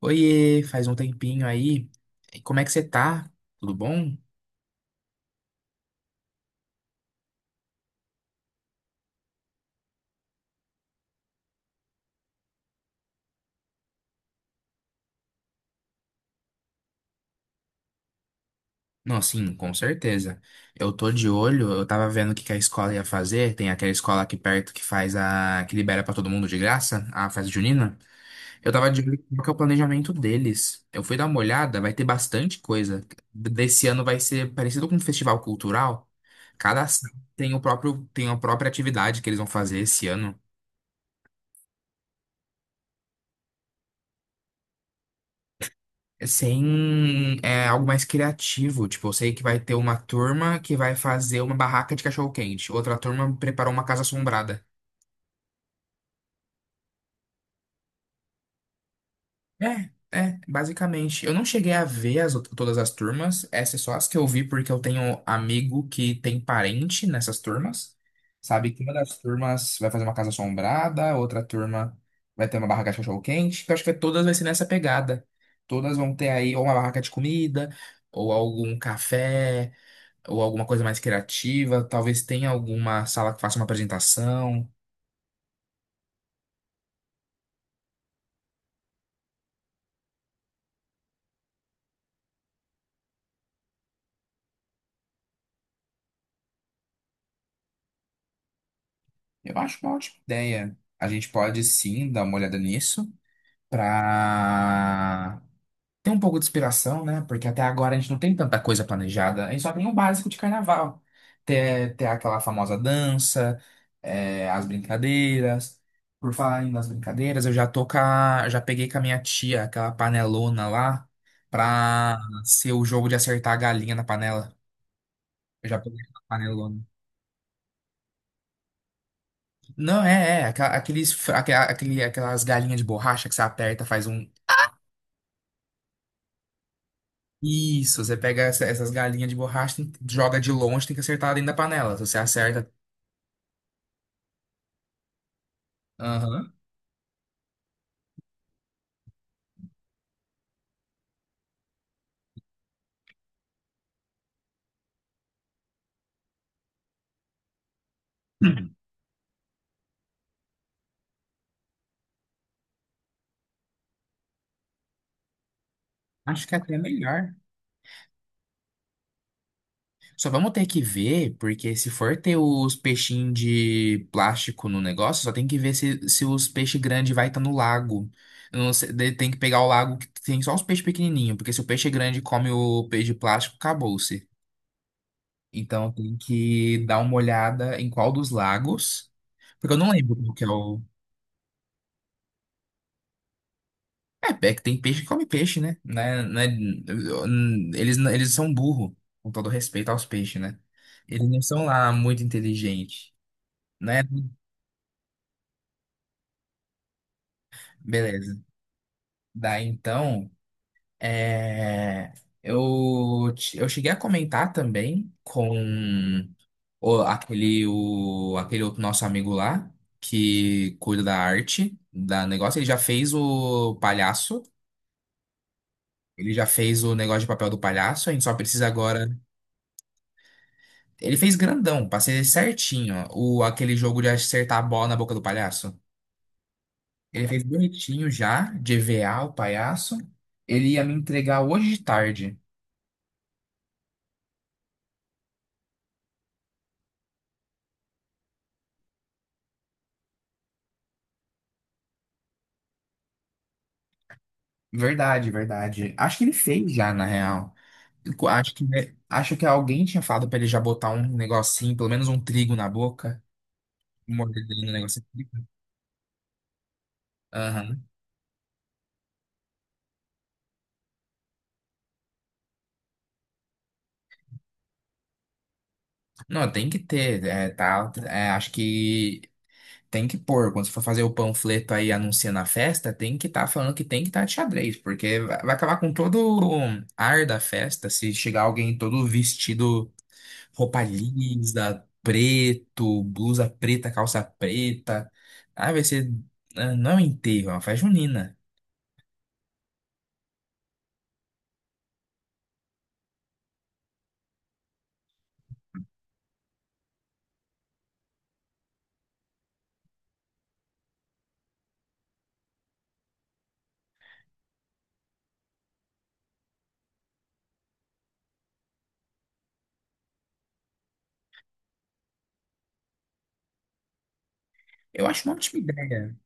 Oiê, faz um tempinho aí. E como é que você tá? Tudo bom? Não, sim, com certeza. Eu tô de olho, eu tava vendo o que que a escola ia fazer. Tem aquela escola aqui perto que que libera pra todo mundo de graça, a festa junina. Eu tava de olho qual que é o planejamento deles. Eu fui dar uma olhada, vai ter bastante coisa. Desse ano vai ser parecido com um festival cultural. Cada sala tem o tem a própria atividade que eles vão fazer esse ano. Sem é, Algo mais criativo. Tipo, eu sei que vai ter uma turma que vai fazer uma barraca de cachorro-quente, outra turma preparou uma casa assombrada. É, é, basicamente. Eu não cheguei a ver todas as turmas, essas só as que eu vi porque eu tenho amigo que tem parente nessas turmas. Sabe que uma das turmas vai fazer uma casa assombrada, outra turma vai ter uma barraca de cachorro-quente. Que Eu acho que todas vai ser nessa pegada. Todas vão ter aí ou uma barraca de comida, ou algum café, ou alguma coisa mais criativa, talvez tenha alguma sala que faça uma apresentação. Eu acho uma ótima ideia. A gente pode sim dar uma olhada nisso para ter um pouco de inspiração, né? Porque até agora a gente não tem tanta coisa planejada, a gente só tem o básico de carnaval. Ter aquela famosa dança, as brincadeiras. Por falar ainda nas brincadeiras, eu já tô com a- já peguei com a minha tia aquela panelona lá pra ser o jogo de acertar a galinha na panela. Eu já peguei aquela panelona. Não, é, é. Aqua- Aqueles, aquelas galinhas de borracha que você aperta, faz um. Isso, essas galinhas de borracha, joga de longe, tem que acertar dentro da panela. Se você acerta. Aham. Acho que é até melhor. Só vamos ter que ver, porque se for ter os peixinhos de plástico no negócio, só tem que ver se os peixes grandes vai estar no lago. Eu não sei, daí tem que pegar o lago que tem só os peixes pequenininhos, porque se o peixe grande come o peixe de plástico, acabou-se. Então tem que dar uma olhada em qual dos lagos. Porque eu não lembro qual que é o. É que tem peixe que come peixe, né? Né? Eles são burro, com todo respeito aos peixes, né? Eles não são lá muito inteligentes, né? Beleza. Daí então. É, eu cheguei a comentar também com aquele outro nosso amigo lá, que cuida da arte, da negócio. Ele já fez o palhaço, ele já fez o negócio de papel do palhaço, a gente só precisa agora. Ele fez grandão, pra ser certinho, aquele jogo de acertar a bola na boca do palhaço. Ele fez bonitinho já, de EVA o palhaço. Ele ia me entregar hoje de tarde. Verdade. Acho que ele fez já, na real. Co- Acho que, acho que alguém tinha falado pra ele já botar um negocinho, pelo menos um trigo na boca, mordendo ali no negocinho. Aham. Não, tem que ter, é, tá, é, acho que tem que pôr. Quando você for fazer o panfleto aí anunciando a festa, tem que estar falando que tem que estar de xadrez, porque vai acabar com todo o ar da festa se chegar alguém todo vestido. Roupa lisa, preto, blusa preta, calça preta. Ah, vai ser. Não é um enterro, é uma festa junina. Eu acho uma ótima ideia.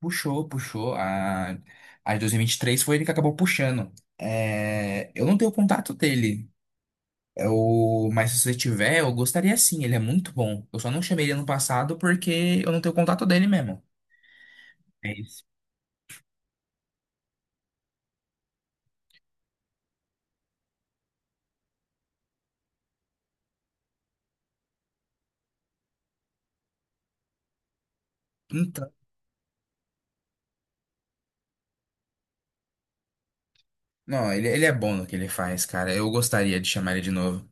Puxou. A 2023 foi ele que acabou puxando. É, eu não tenho contato dele. Eu, mas se você tiver, eu gostaria sim. Ele é muito bom. Eu só não chamei ele ano passado porque eu não tenho contato dele mesmo. É isso. Então, não, ele é bom no que ele faz, cara. Eu gostaria de chamar ele de novo.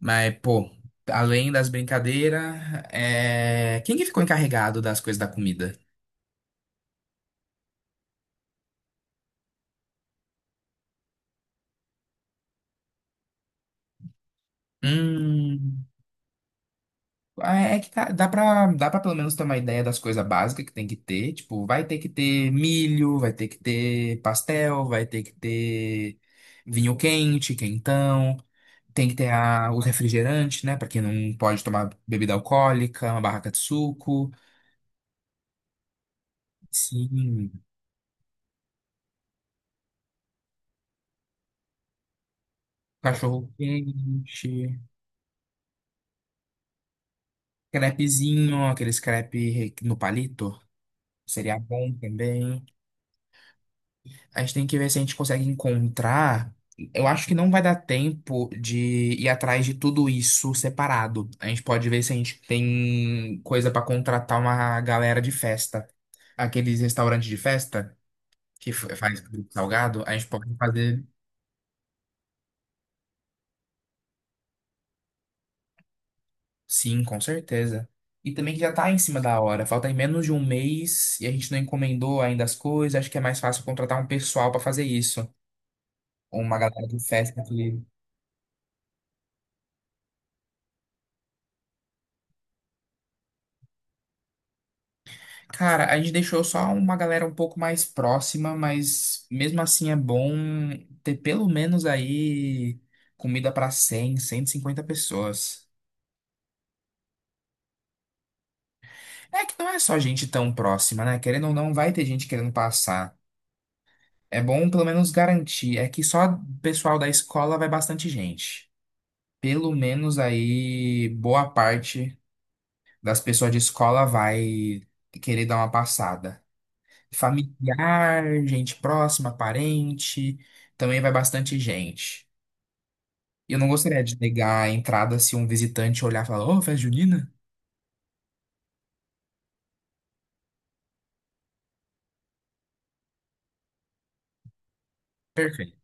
Mas, pô, além das brincadeiras, quem que ficou encarregado das coisas da comida? Hum. É que dá pra pelo menos ter uma ideia das coisas básicas que tem que ter. Tipo, vai ter que ter milho, vai ter que ter pastel, vai ter que ter vinho quente, quentão. Tem que ter o refrigerante, né? Pra quem não pode tomar bebida alcoólica, uma barraca de suco. Sim, cachorro quente. Crepezinho, aqueles crepe no palito, seria bom também. A gente tem que ver se a gente consegue encontrar. Eu acho que não vai dar tempo de ir atrás de tudo isso separado. A gente pode ver se a gente tem coisa pra contratar uma galera de festa. Aqueles restaurantes de festa que faz produto salgado, a gente pode fazer sim, com certeza. E também que já tá em cima da hora, falta em menos de um mês e a gente não encomendou ainda as coisas, acho que é mais fácil contratar um pessoal pra fazer isso. Uma galera do Festa que. Cara, a gente deixou só uma galera um pouco mais próxima, mas mesmo assim é bom ter pelo menos aí comida pra 100, 150 pessoas. É que não é só gente tão próxima, né? Querendo ou não, vai ter gente querendo passar. É bom pelo menos garantir. É que só pessoal da escola vai bastante gente. Pelo menos aí boa parte das pessoas de escola vai querer dar uma passada. Familiar, gente próxima, parente, também vai bastante gente. Eu não gostaria de negar a entrada se um visitante olhar e falar, ô, festa junina? Perfeito.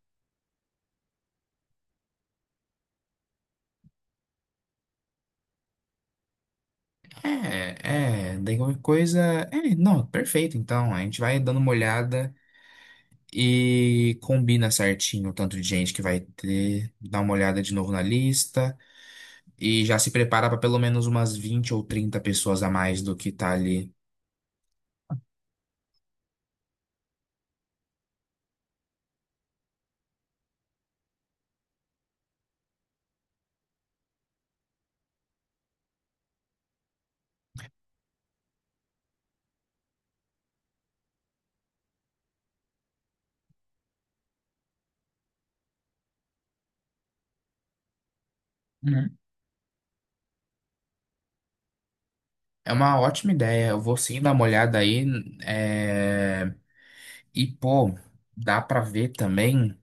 Daí qualquer coisa. É, não, perfeito. Então, a gente vai dando uma olhada e combina certinho o tanto de gente que vai ter, dá uma olhada de novo na lista e já se prepara para pelo menos umas 20 ou 30 pessoas a mais do que tá ali. É uma ótima ideia. Eu vou sim dar uma olhada aí. é, E, pô, dá pra ver também.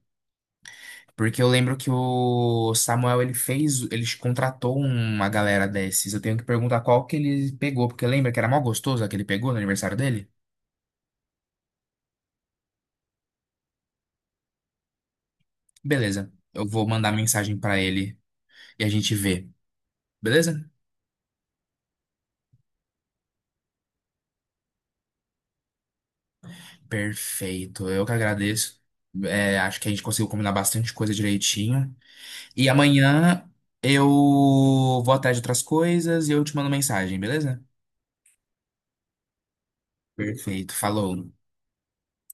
Porque eu lembro que o Samuel, ele contratou uma galera desses. Eu tenho que perguntar qual que ele pegou, porque lembra que era mó gostoso a que ele pegou no aniversário dele? Beleza. Eu vou mandar mensagem pra ele e a gente vê. Beleza? Perfeito. Eu que agradeço. É, acho que a gente conseguiu combinar bastante coisa direitinho. E amanhã eu vou atrás de outras coisas e eu te mando mensagem, beleza? Perfeito, falou.